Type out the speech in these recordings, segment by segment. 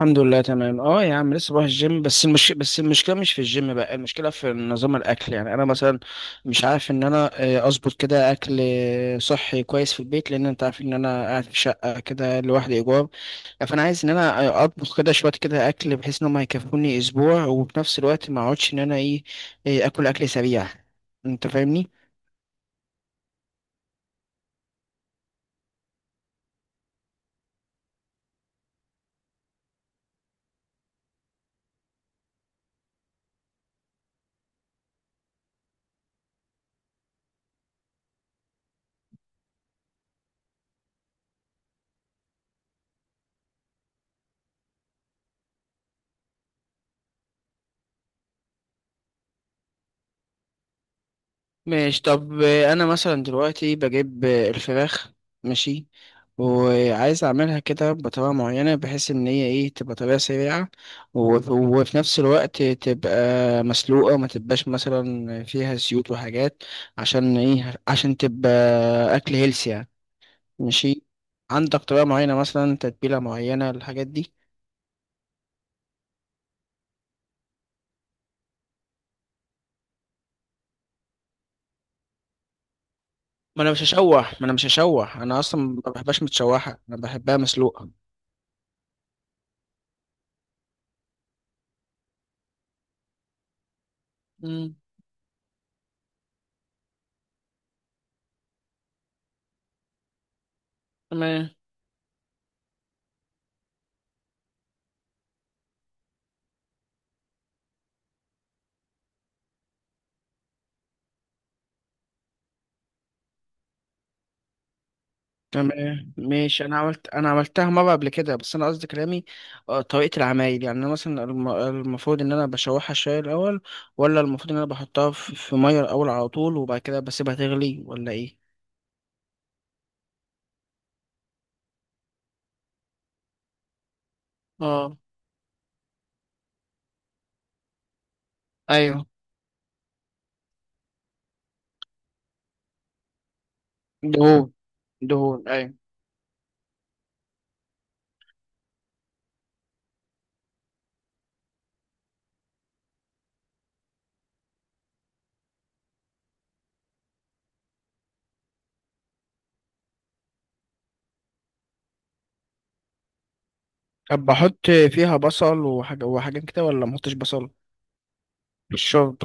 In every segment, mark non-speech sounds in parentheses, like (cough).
الحمد لله تمام يا عم لسه بروح الجيم بس المشكله مش في الجيم بقى، المشكله في نظام الاكل. يعني انا مثلا مش عارف ان انا اظبط كده اكل صحي كويس في البيت، لان انت عارف ان انا قاعد في شقه كده لوحدي ايجار. فانا عايز ان انا اطبخ كده شويه كده اكل بحيث ان هم هيكفوني اسبوع، وفي نفس الوقت ما اقعدش ان انا ايه اكل سريع. انت فاهمني؟ ماشي. طب انا مثلا دلوقتي بجيب الفراخ، ماشي، وعايز اعملها كده بطريقه معينه بحيث ان هي ايه، تبقى طريقه سريعه، وفي نفس الوقت تبقى مسلوقه، ما تبقاش مثلا فيها زيوت وحاجات، عشان ايه، عشان تبقى اكل هيلثي يعني. ماشي. عندك طريقه معينه مثلا، تتبيله معينه الحاجات دي؟ ما انا مش هشوح، انا اصلا ما بحبهاش متشوحه، انا بحبها مسلوقه. امم. تمام. تمام ماشي. انا عملتها مره قبل كده، بس انا قصدي كلامي طريقه العمايل. يعني انا مثلا المفروض ان انا بشوحها شويه الاول، ولا المفروض ان انا بحطها في ميه الاول على طول وبعد كده بسيبها تغلي، ولا ايه؟ اه. ايوه. دهون. دهون، ايوه. طب بحط فيها بصل وحاجه وحاجات كده، ولا ما احطش بصل؟ في الشرب.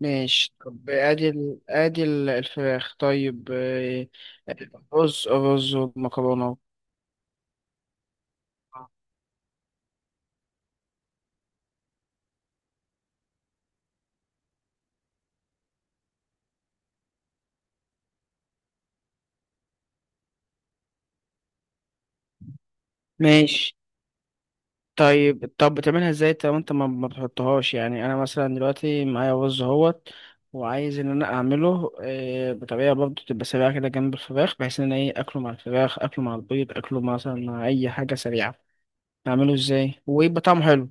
ماشي. طب ادي الفراخ طيب رز رز ومكرونه. ماشي. طيب طب بتعملها ازاي انت وانت ما بتحطهاش؟ يعني انا مثلا دلوقتي معايا رز اهوت، وعايز ان انا اعمله بطريقه برضه تبقى سريعه كده جنب الفراخ، بحيث ان انا ايه، اكله مع الفراخ، اكله مع البيض، اكله مثلا مع اي حاجه سريعه. اعمله ازاي ويبقى طعمه حلو؟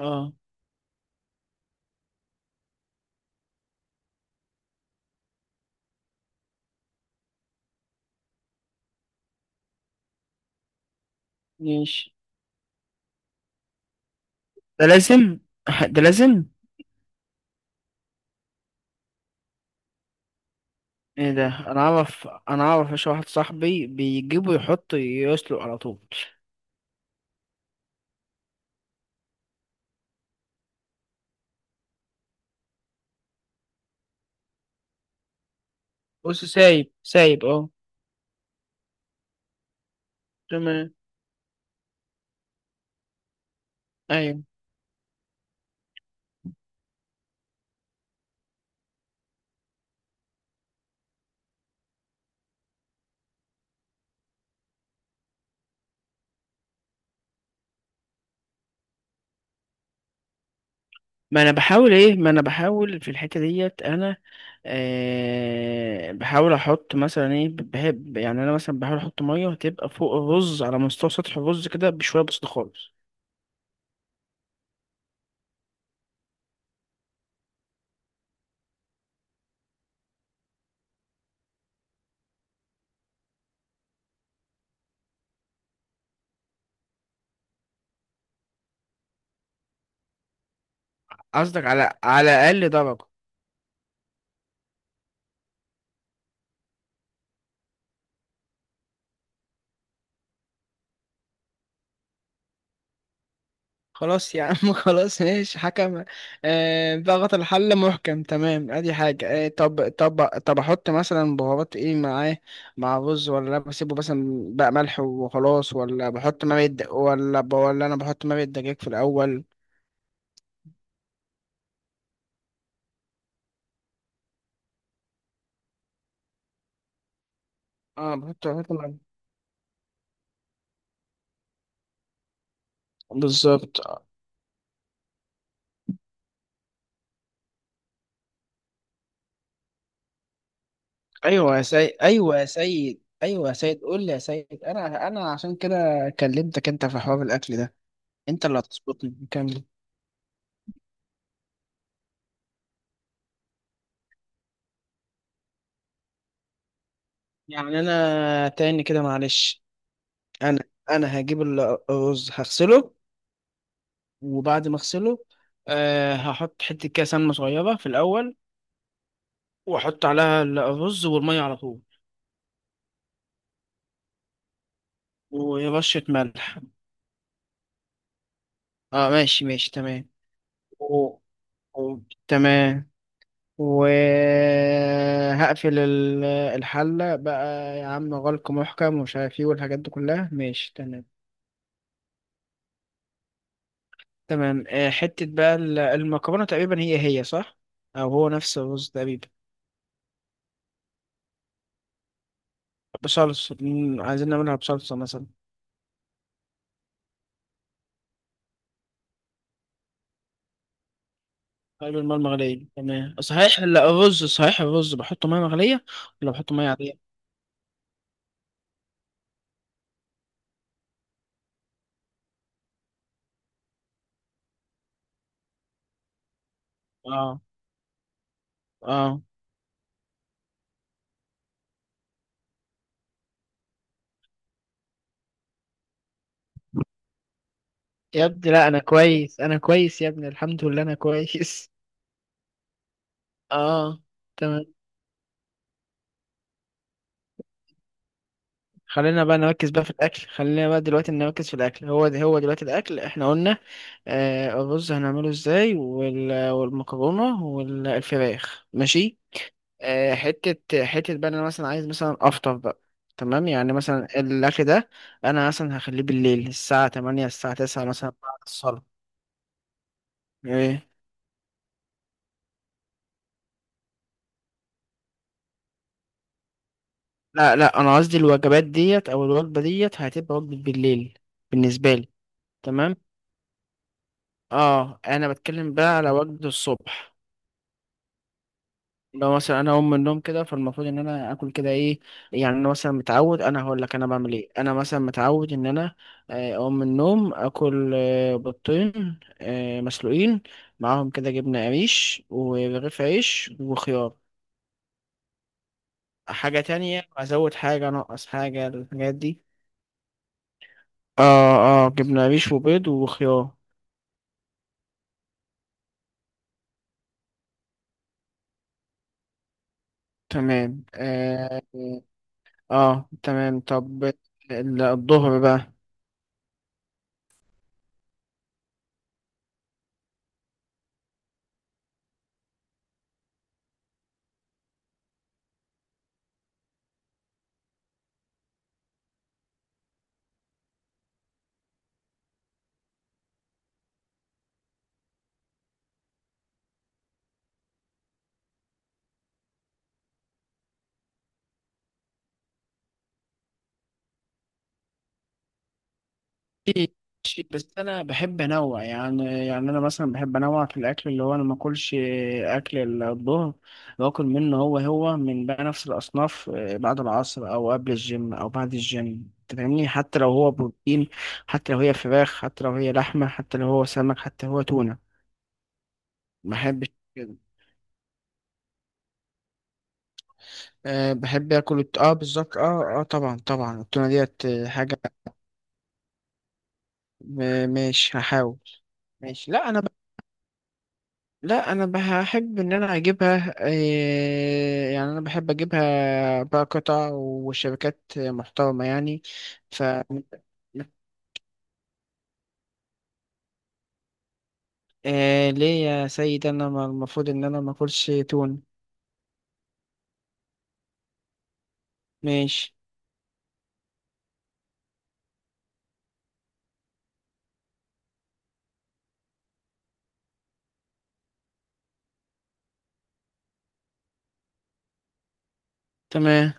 اه ماشي. ده لازم. (laughs) ده لازم. ايه ده؟ انا اعرف، انا اعرف، ايش واحد صاحبي بيجيبه يحط يسلق على طول. بص، سايب اه. تمام. ايوه. ما انا بحاول في الحته ديت انا. أه بحاول احط مثلا ايه، بحب يعني انا مثلا بحاول احط ميه تبقى فوق الرز على مستوى سطح الرز كده بشويه بسيطه خالص. قصدك على اقل درجه؟ خلاص يا عم. (laughs) خلاص ماشي حكم. آه، ضغط الحل محكم تمام، ادي حاجه. آه طب، طب احط مثلا بهارات ايه معاه، مع رز؟ ولا بسيبه مثلا بقى ملح وخلاص؟ ولا بحط مرقه د- ولا ب... ولا انا بحط مرقه دجاج في الاول؟ اه. بحط بالظبط آه. ايوه يا سيد، ايوه يا سيد، ايوه يا سيد، قول لي يا سيد. انا عشان كده كلمتك انت في حوار الاكل ده. انت اللي هتظبطني، كمل. يعني انا تاني كده معلش. انا انا هجيب الرز، هغسله، وبعد ما اغسله أه هحط حته كده سمنه صغيره في الاول، واحط عليها الرز والميه على طول ورشه ملح. اه ماشي، ماشي تمام. و... و... تمام. وهقفل الحلة بقى يا عم، غلق محكم ومش عارف ايه والحاجات دي كلها، ماشي، تمام. تمام. آه، حتة بقى المكرونة، تقريبا هي صح؟ أو هو نفس الرز تقريبا. بصلصة، مم، عايزين نعملها بصلصة مثلا. قلب الماء المغلية، تمام صحيح. لا الرز صحيح الرز بحطه مية مغلية، ولا بحطه مية عادية؟ اه. اه. يا ابني لا، أنا كويس، أنا كويس يا ابني، الحمد لله أنا كويس. (laughs) اه. تمام. خلينا بقى نركز بقى في الاكل، خلينا بقى دلوقتي نركز في الاكل هو ده. هو دلوقتي الاكل احنا قلنا آه الرز هنعمله ازاي، والمكرونه والفراخ، ماشي. آه، حته حته بقى، انا مثلا عايز مثلا افطر بقى. تمام. يعني مثلا الاكل ده، انا مثلا هخليه بالليل الساعه الثامنة، الساعه التاسعة مثلا بعد الصلاه. ايه؟ لا لا، انا قصدي الوجبات ديت او الوجبه ديت هتبقى وجبه بالليل بالنسبه لي. تمام. اه، انا بتكلم بقى على وجبه الصبح. لو مثلا انا اقوم من النوم كده، فالمفروض ان انا اكل كده ايه؟ يعني انا مثلا متعود، انا هقول لك انا بعمل ايه. انا مثلا متعود ان انا اقوم من النوم اكل بيضتين مسلوقين، معاهم كده جبنه قريش ورغيف عيش وخيار. حاجه تانية ازود، حاجه انقص، حاجه الحاجات دي؟ اه. اه، جبنه قريش وبيض وخيار. تمام اه. آه تمام. طب الظهر بقى؟ ماشي، بس انا بحب انوع، يعني يعني انا مثلا بحب انوع في الاكل، اللي هو انا ما اكلش اكل الظهر باكل منه. هو من بقى نفس الاصناف بعد العصر او قبل الجيم او بعد الجيم. أنت فاهمني؟ حتى لو هو بروتين، حتى لو هي فراخ، حتى لو هي لحمه، حتى لو هو سمك، حتى لو هو تونه، ما بحبش كده. أه بحب اكل اه بالظبط اه. اه طبعا طبعا، التونه ديت حاجه. ماشي هحاول. ماشي. لا انا بحب ان انا اجيبها إيه، يعني انا بحب اجيبها بقى قطع وشبكات محترمه يعني. ف إيه، ليه يا سيد؟ انا المفروض ان انا ما اكلش تون؟ ماشي. تمام.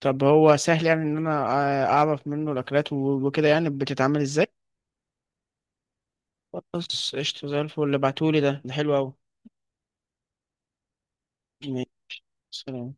طب هو سهل يعني ان انا اعرف منه الاكلات وكده يعني بتتعمل ازاي؟ خلاص قشطه زي الفل. اللي بعتولي ده، ده حلو قوي. سلام.